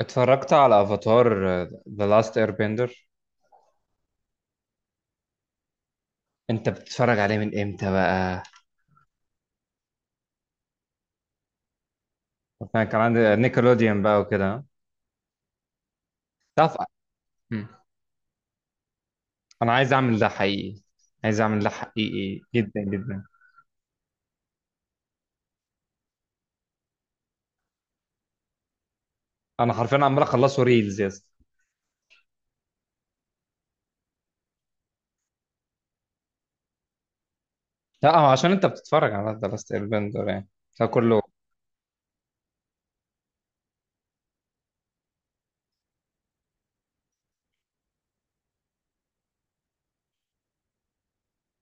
اتفرجت على افاتار ذا لاست اير بندر. انت بتتفرج عليه من امتى بقى؟ انا كان عندي نيكلوديان بقى وكده. تعرف. مم. انا عايز اعمل ده حقيقي. عايز اعمل ده حقيقي جدا جدا. انا حرفيا عمال اخلصه ريلز يا اسطى. لا، هو عشان انت بتتفرج على ذا لاست اير بندر يعني، فكله.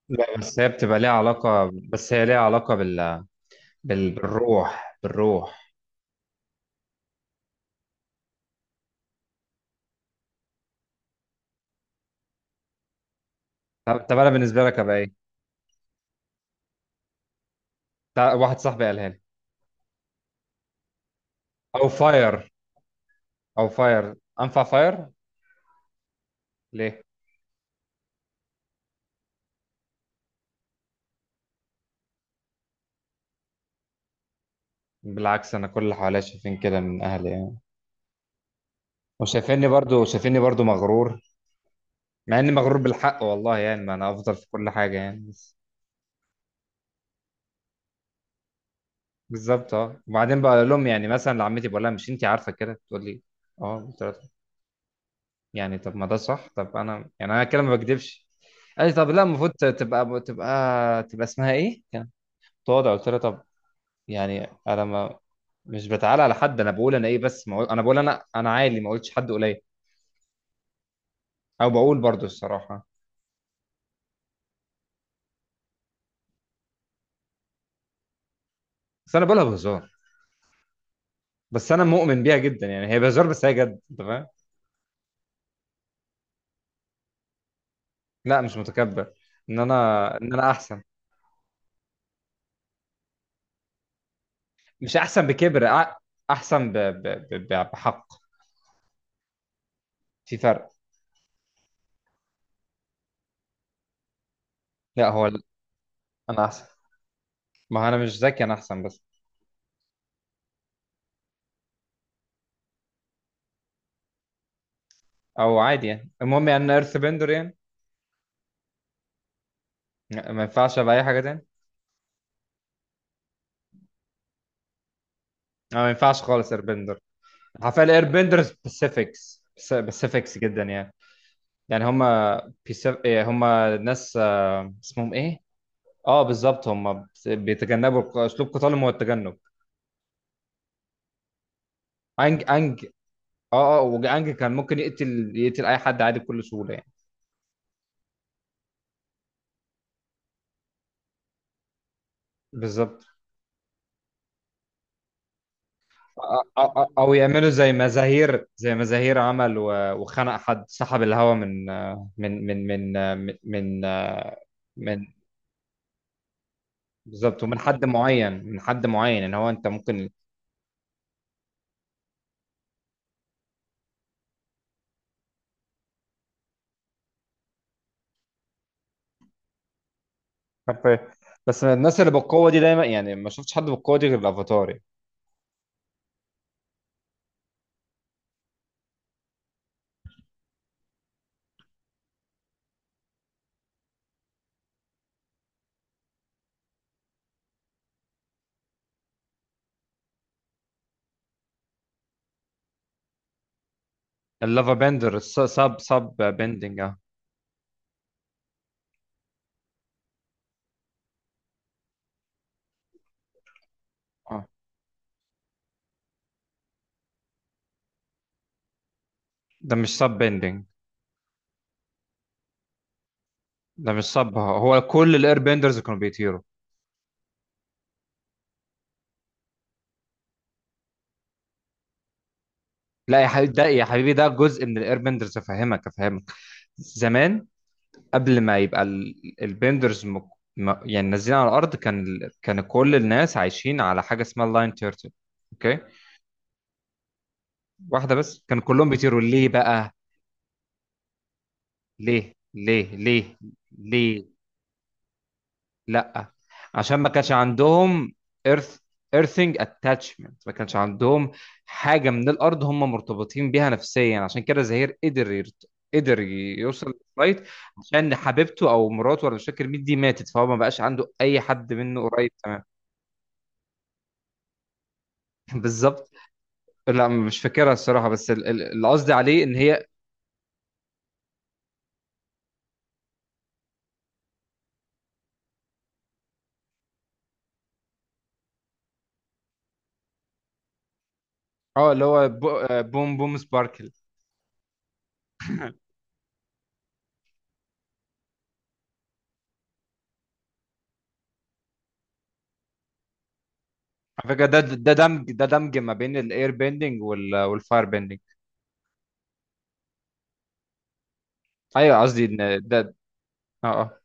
لا بس هي بتبقى ليها علاقه، بس هي ليها علاقه بالروح بالروح. طب طب انا بالنسبه لك ابقى ايه؟ واحد صاحبي قالها لي. او فاير. او فاير. انفع فاير. ليه؟ بالعكس انا كل اللي حواليا شايفين كده من اهلي يعني. وشايفيني برضو شايفيني برضو مغرور. مع اني مغرور بالحق والله، يعني ما انا افضل في كل حاجه يعني بس. بالظبط، اه، وبعدين بقول لهم يعني مثلا لعمتي بقول لها مش انت عارفه كده تقول لي. اه، قلت لها يعني طب ما ده صح، طب انا يعني انا كده ما بكذبش. قالت لي طب لا المفروض تبقى تبقى اسمها ايه كانت تقعد. قلت لها طب. يعني انا ما مش بتعالى على حد، انا بقول انا ايه، بس ما أقول- انا بقول انا عالي، ما قلتش حد قليل. او بقول برضو الصراحه. بس انا بقولها بهزار، بس انا مؤمن بيها جدا يعني هي بهزار بس هي جد، انت فاهم. لا مش متكبر. ان انا احسن. مش احسن بكبر احسن بحق. في فرق. لا هو انا احسن. ما هو انا مش ذكي، انا احسن بس. او عادي يعني المهم يعني انا ايرث بندر يعني. لا، ما ينفعش ابقى اي حاجه تاني. أنا ما ينفعش خالص اير بندر. عارفين الاير بندر سبيسيفيكس سبيسيفيكس جدا يعني. يعني هم ناس، اسمهم ايه؟ اه، بالظبط، هم بيتجنبوا اسلوب قتالهم هو التجنب. أنج أنج. اه اه وجانج كان ممكن يقتل اي حد عادي بكل سهوله يعني. بالظبط. او يعملوا زي مزاهير، عمل وخنق حد، سحب الهوا من. بالظبط، ومن حد معين ان هو انت ممكن. حرفيا. بس الناس اللي بالقوه دي دايما، يعني ما شفتش حد بالقوه دي غير الافاتار يعني. اللافا بندر سب بندنج اه. آه. ده مش سب بندنج. ده مش سب، هو كل الاير بندرز كانوا بيطيروا. لا يا حبيبي، ده يا حبيبي ده جزء من الايربندرز، افهمك افهمك. زمان قبل ما يبقى البندرز يعني نازلين على الارض، كان كل الناس عايشين على حاجه اسمها اللاين تيرتل. اوكي. واحده بس، كان كلهم بيطيروا ليه بقى؟ ليه ليه ليه؟ ليه؟ لا عشان ما كانش عندهم ايرث ايرثنج اتاتشمنت، ما كانش عندهم حاجه من الارض هم مرتبطين بيها نفسيا، عشان كده زهير قدر يوصل للفايت. عشان حبيبته او مراته ولا مش فاكر مين دي ماتت، فهو ما بقاش عنده اي حد منه قريب، تمام. بالظبط. لا مش فاكرها الصراحه، بس اللي قصدي عليه ان هي. اه، اللي هو بوم بوم سباركل. على فكره، ده دمج، ما بين الاير بيندنج والفاير بيندنج. ايوه قصدي ان ده. اه.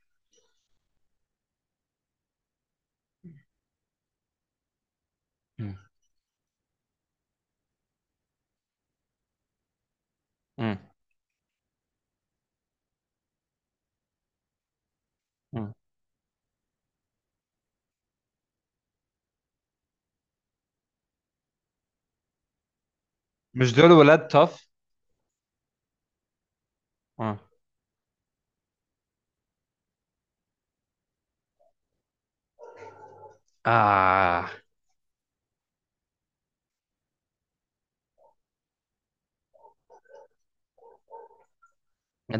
اه. مم. مم. مش دول ولاد تاف؟ اه. اه.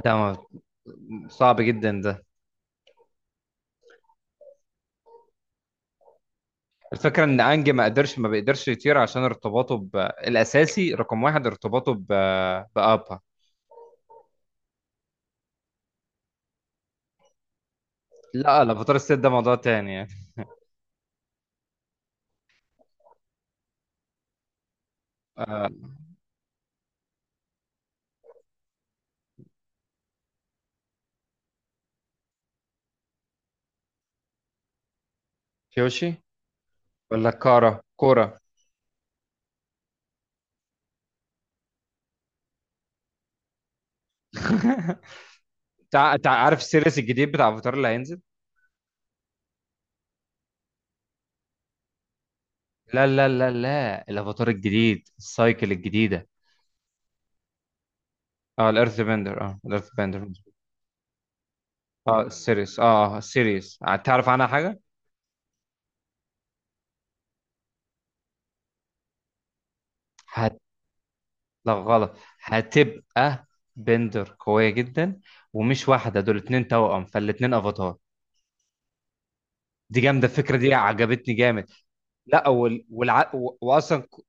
ده ما- صعب جدا ده. الفكره ان انج ما قدرش، ما بيقدرش يطير عشان ارتباطه الاساسي رقم واحد، ارتباطه بابا. لا لا، فطار الست ده موضوع تاني يعني. آه. كيوشي ولا كارا كورا؟ عارف السيريس الجديد بتاع افاتار اللي هينزل؟ لا لا لا لا، الافاتار الجديد السايكل الجديده. اه الارث بندر، اه الارث بندر. اه السيريس، اه السيريس، تعرف عنها حاجه؟ لا غلط. هتبقى بندر قوية جدا، ومش واحدة، دول اتنين توأم فالاتنين افاتار. دي جامدة، الفكرة دي عجبتني جامد. لا. وال... والع... و... واصلا ك-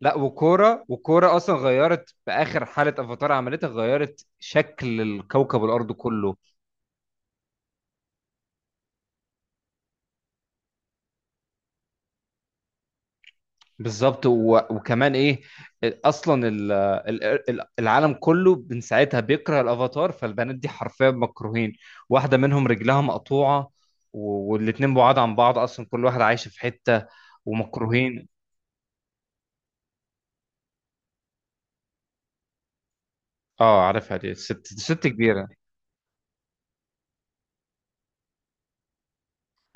لا وكورة اصلا غيرت في اخر حالة افاتار عملتها، غيرت شكل الكوكب الارض كله. بالظبط، وكمان ايه، اصلا العالم كله من ساعتها بيكره الافاتار، فالبنات دي حرفيا مكروهين. واحده منهم رجلها مقطوعه. والاتنين بعاد عن بعض اصلا، كل واحد عايش في حته ومكروهين. اه، عارفها دي، ست كبيره.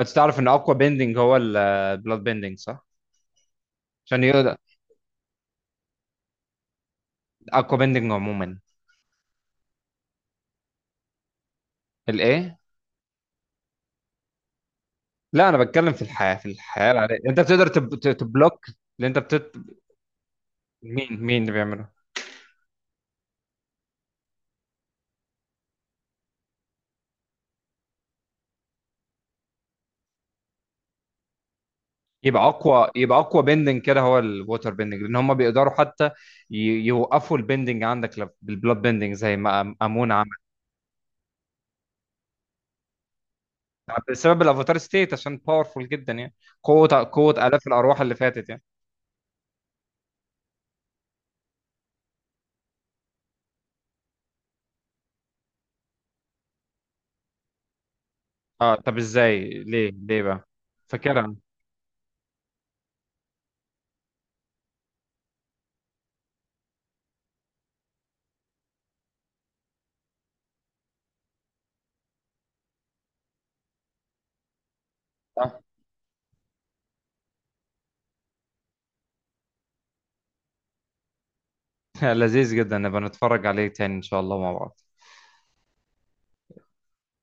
انت تعرف ان اقوى بيندنج هو البلاد بيندنج صح؟ عشان يقدر. اقوى بيندنج عموما. الايه؟ لا انا بتكلم في الحياه، العاديه انت بتقدر تبلوك. اللي انت بتت. مين اللي بيعمله؟ يبقى اقوى بندنج كده هو الووتر بندنج، لان هم بيقدروا حتى ي- يوقفوا البندنج عندك بالبلاد بندنج زي ما امون عمل. بسبب الافاتار ستيت عشان باورفول جدا يعني. قوه الاف الارواح اللي فاتت يعني. اه، طب ازاي؟ ليه ليه بقى؟ فاكرها. آه. لذيذ جدا، نبقى نتفرج عليه تاني ان شاء الله مع بعض.